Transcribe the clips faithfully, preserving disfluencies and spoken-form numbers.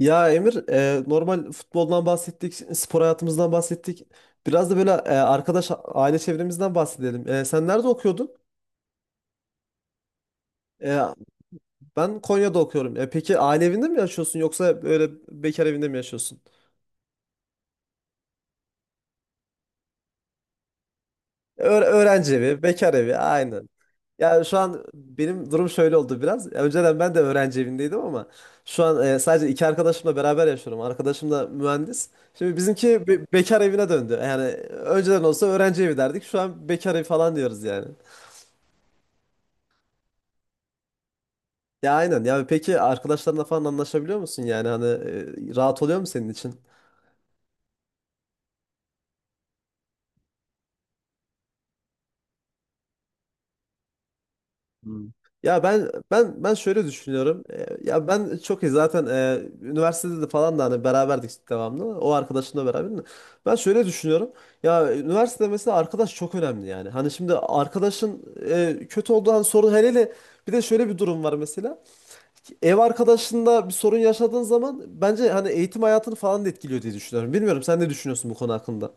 Ya Emir, e, normal futboldan bahsettik, spor hayatımızdan bahsettik. Biraz da böyle e, arkadaş, aile çevremizden bahsedelim. E, sen nerede okuyordun? E, Ben Konya'da okuyorum. E, peki aile evinde mi yaşıyorsun yoksa böyle bekar evinde mi yaşıyorsun? Öğ- öğrenci evi, bekar evi aynen. Ya şu an benim durum şöyle oldu biraz. Ya önceden ben de öğrenci evindeydim ama şu an e, sadece iki arkadaşımla beraber yaşıyorum. Arkadaşım da mühendis. Şimdi bizimki be- bekar evine döndü. Yani önceden olsa öğrenci evi derdik. Şu an bekar evi falan diyoruz yani. Ya aynen. Ya peki arkadaşlarınla falan anlaşabiliyor musun yani? Hani e, rahat oluyor mu senin için? Hmm. Ya ben ben ben şöyle düşünüyorum. Ee, Ya ben çok iyi zaten e, üniversitede de falan da hani beraberdik devamlı. O arkadaşımla beraber. De. Ben şöyle düşünüyorum. Ya üniversitede mesela arkadaş çok önemli yani. Hani şimdi arkadaşın e, kötü olduğu an sorun hele hele bir de şöyle bir durum var mesela. Ev arkadaşında bir sorun yaşadığın zaman bence hani eğitim hayatını falan da etkiliyor diye düşünüyorum. Bilmiyorum sen ne düşünüyorsun bu konu hakkında?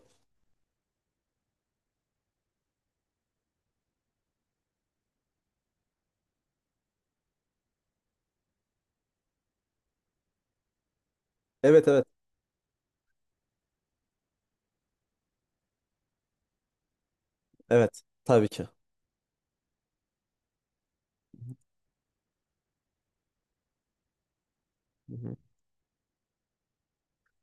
Evet evet. Evet. Tabii ki.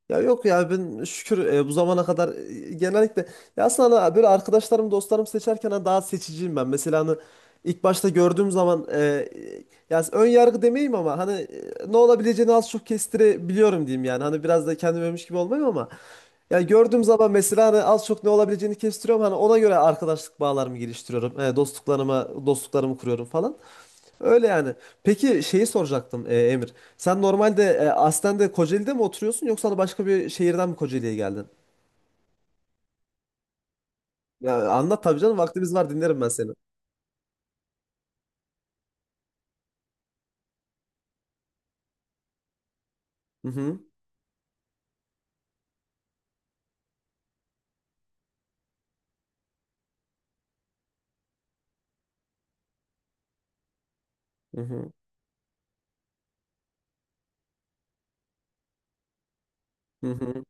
Ya yok ya ben şükür e, bu zamana kadar e, genellikle ya aslında hani böyle arkadaşlarım dostlarım seçerken hani daha seçiciyim ben. Mesela hani ilk başta gördüğüm zaman e, e, ya ön yargı demeyeyim ama hani e, ne olabileceğini az çok kestirebiliyorum diyeyim yani. Hani biraz da kendimmiş gibi olmayayım ama ya gördüğüm zaman mesela hani az çok ne olabileceğini kestiriyorum. Hani ona göre arkadaşlık bağlarımı geliştiriyorum. E, dostluklarımı dostluklarımı kuruyorum falan. Öyle yani. Peki şeyi soracaktım e, Emir. Sen normalde e, aslen de Kocaeli'de mi oturuyorsun yoksa da başka bir şehirden mi Kocaeli'ye geldin? Ya anlat tabii canım vaktimiz var dinlerim ben seni. Hı hı. Hı hı. Hı hı.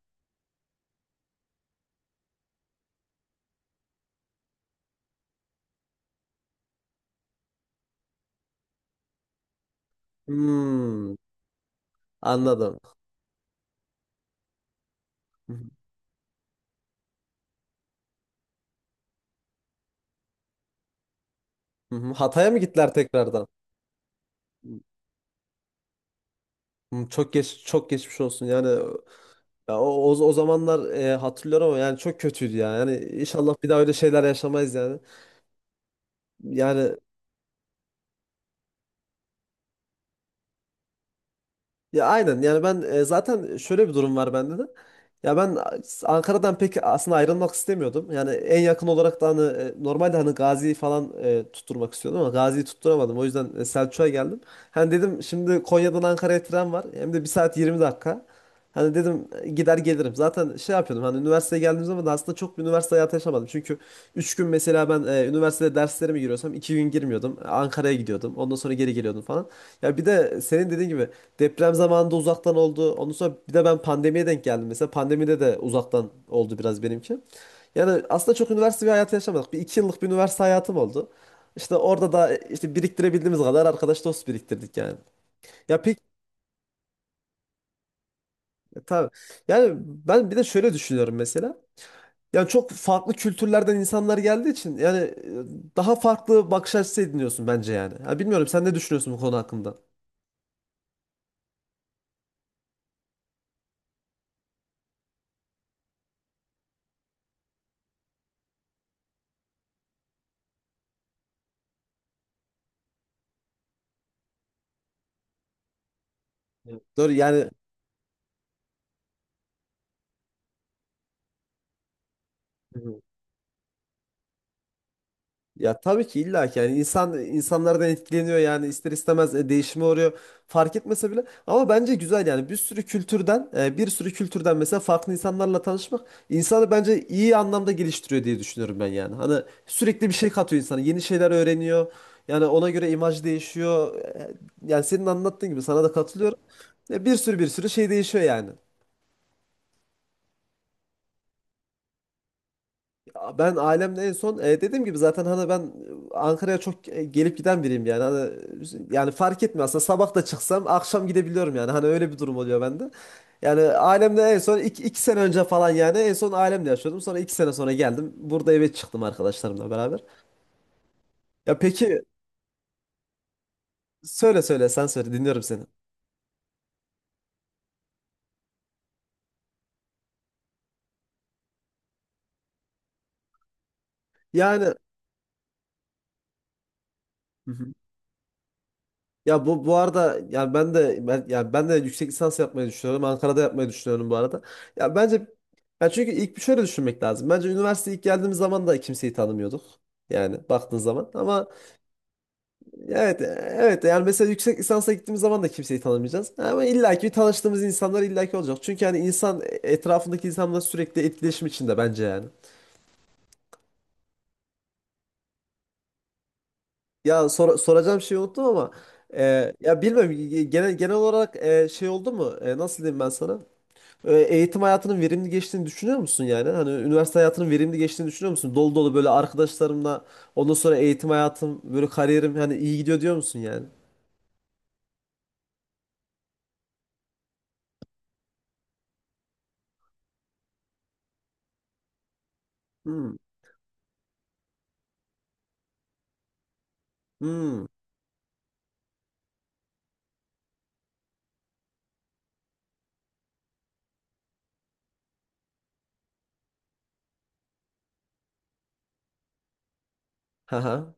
Hmm, anladım. Hı hı. Hı hı. Hatay'a mı gittiler tekrardan? Hmm, çok geç çok geçmiş olsun yani ya o, o, o zamanlar e, hatırlıyorum ama yani çok kötüydü ya yani inşallah bir daha öyle şeyler yaşamayız yani. yani Ya aynen yani ben e, zaten şöyle bir durum var bende de. Ya ben Ankara'dan pek aslında ayrılmak istemiyordum. Yani en yakın olarak da hani e, normalde hani Gazi'yi falan e, tutturmak istiyordum ama Gazi'yi tutturamadım. O yüzden e, Selçuk'a geldim. Hani dedim şimdi Konya'dan Ankara'ya tren var. Hem de bir saat yirmi dakika. Hani dedim e, gider gelirim. Zaten şey yapıyordum hani üniversiteye geldiğim zaman da aslında çok bir üniversite hayatı yaşamadım. Çünkü üç gün mesela ben e, üniversitede derslerime giriyorsam iki gün girmiyordum. Ankara'ya gidiyordum. Ondan sonra geri geliyordum falan. Ya bir de senin dediğin gibi deprem zamanında uzaktan oldu. Ondan sonra bir de ben pandemiye denk geldim. Mesela pandemide de uzaktan oldu biraz benimki. Yani aslında çok üniversite bir hayatı yaşamadık. Bir iki yıllık bir üniversite hayatım oldu. İşte orada da e, işte biriktirebildiğimiz kadar arkadaş dost biriktirdik yani. Ya pek tabii. Yani ben bir de şöyle düşünüyorum mesela. Yani çok farklı kültürlerden insanlar geldiği için yani e, daha farklı bakış açısı ediniyorsun bence yani. Ha, bilmiyorum sen ne düşünüyorsun bu konu hakkında? Evet. Doğru yani. Ya tabii ki illa ki yani insan insanlardan etkileniyor yani ister istemez e, değişime uğruyor fark etmese bile ama bence güzel yani bir sürü kültürden e, bir sürü kültürden mesela farklı insanlarla tanışmak insanı bence iyi anlamda geliştiriyor diye düşünüyorum ben yani. Hani sürekli bir şey katıyor insana yeni şeyler öğreniyor yani ona göre imaj değişiyor. E, yani senin anlattığın gibi sana da katılıyorum. E, bir sürü bir sürü şey değişiyor yani. Ben ailemle en son e, dediğim gibi zaten hani ben e, Ankara'ya çok e, gelip giden biriyim yani. Hani, e, yani fark etmiyor aslında sabah da çıksam akşam gidebiliyorum yani. Hani öyle bir durum oluyor bende. Yani ailemle en son iki, iki sene önce falan yani en son ailemle yaşıyordum. Sonra iki sene sonra geldim. Burada eve çıktım arkadaşlarımla beraber. Ya peki söyle söyle sen söyle dinliyorum seni. Yani Ya bu bu arada yani ben de ben yani ben de yüksek lisans yapmayı düşünüyorum. Ankara'da yapmayı düşünüyorum bu arada. Ya bence ya çünkü ilk bir şöyle düşünmek lazım. Bence üniversiteye ilk geldiğimiz zaman da kimseyi tanımıyorduk. Yani baktığın zaman ama evet evet yani mesela yüksek lisansa gittiğimiz zaman da kimseyi tanımayacağız. Ama illaki tanıştığımız insanlar illaki olacak. Çünkü hani insan etrafındaki insanla sürekli etkileşim içinde bence yani. Ya sor- soracağım şeyi unuttum ama e, ya bilmiyorum genel genel olarak e, şey oldu mu? E, nasıl diyeyim ben sana? E, Eğitim hayatının verimli geçtiğini düşünüyor musun yani? Hani üniversite hayatının verimli geçtiğini düşünüyor musun? Dolu dolu böyle arkadaşlarımla ondan sonra eğitim hayatım böyle kariyerim hani iyi gidiyor diyor musun yani? Hmm. Hmm. Haha.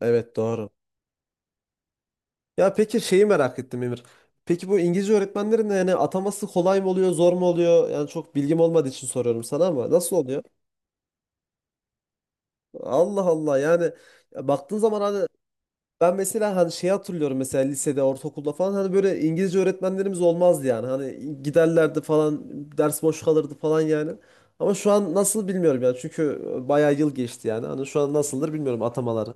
Evet doğru. Ya peki şeyi merak ettim Emir. Peki bu İngilizce öğretmenlerin de yani ataması kolay mı oluyor, zor mu oluyor? Yani çok bilgim olmadığı için soruyorum sana ama nasıl oluyor? Allah Allah yani. Ya baktığın zaman hani ben mesela hani şey hatırlıyorum mesela lisede, ortaokulda falan hani böyle İngilizce öğretmenlerimiz olmazdı yani. Hani giderlerdi falan, ders boş kalırdı falan yani. Ama şu an nasıl bilmiyorum yani. Çünkü bayağı yıl geçti yani. Hani şu an nasıldır bilmiyorum atamaları.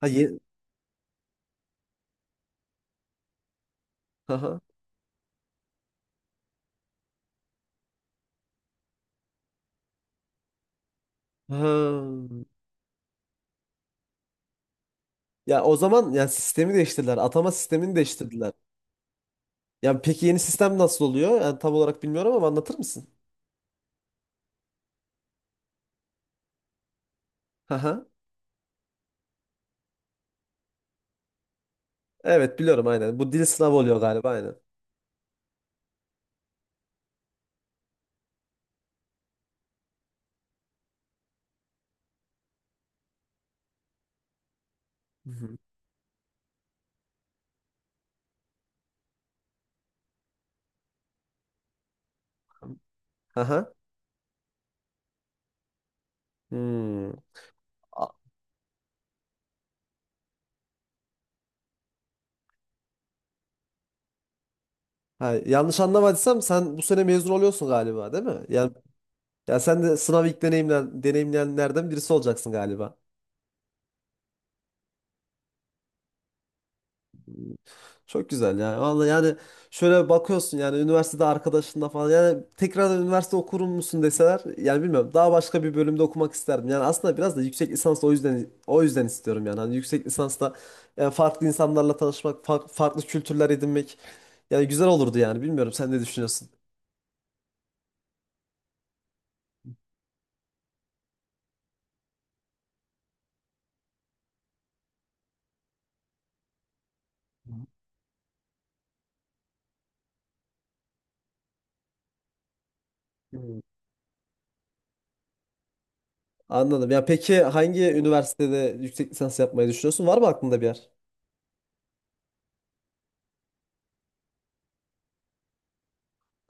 Ha, ye Aha. Ha. Ya o zaman yani sistemi değiştirdiler. Atama sistemini değiştirdiler. Yani peki yeni sistem nasıl oluyor? Yani tam olarak bilmiyorum ama anlatır mısın? Aha. Evet biliyorum aynen. Bu dil sınavı oluyor galiba aynen. Hı hı. Aha. Hmm. Ha, yanlış anlamadıysam sen bu sene mezun oluyorsun galiba değil mi? Yani, ya sen de sınav ilk deneyimlen, deneyimleyenlerden birisi olacaksın galiba. Çok güzel ya. Vallahi yani şöyle bakıyorsun yani üniversitede arkadaşınla falan yani tekrar üniversite okur musun deseler yani bilmiyorum daha başka bir bölümde okumak isterdim. Yani aslında biraz da yüksek lisans o yüzden o yüzden istiyorum yani. Hani yüksek lisansta yani farklı insanlarla tanışmak, fa- farklı kültürler edinmek yani güzel olurdu yani. Bilmiyorum sen ne düşünüyorsun? Hmm. Anladım. Ya peki hangi üniversitede yüksek lisans yapmayı düşünüyorsun? Var mı aklında bir yer?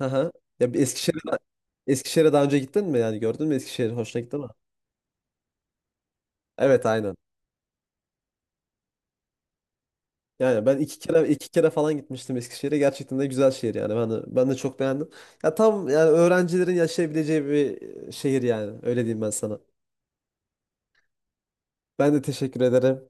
Hı hı. Ya bir Eskişehir'e Eskişehir'e daha önce gittin mi? Yani gördün mü Eskişehir? Hoşuna gitti mi? Evet aynen. Yani ben iki kere iki kere falan gitmiştim Eskişehir'e. Gerçekten de güzel şehir yani. Ben de, ben de çok beğendim. Ya tam yani öğrencilerin yaşayabileceği bir şehir yani. Öyle diyeyim ben sana. Ben de teşekkür ederim.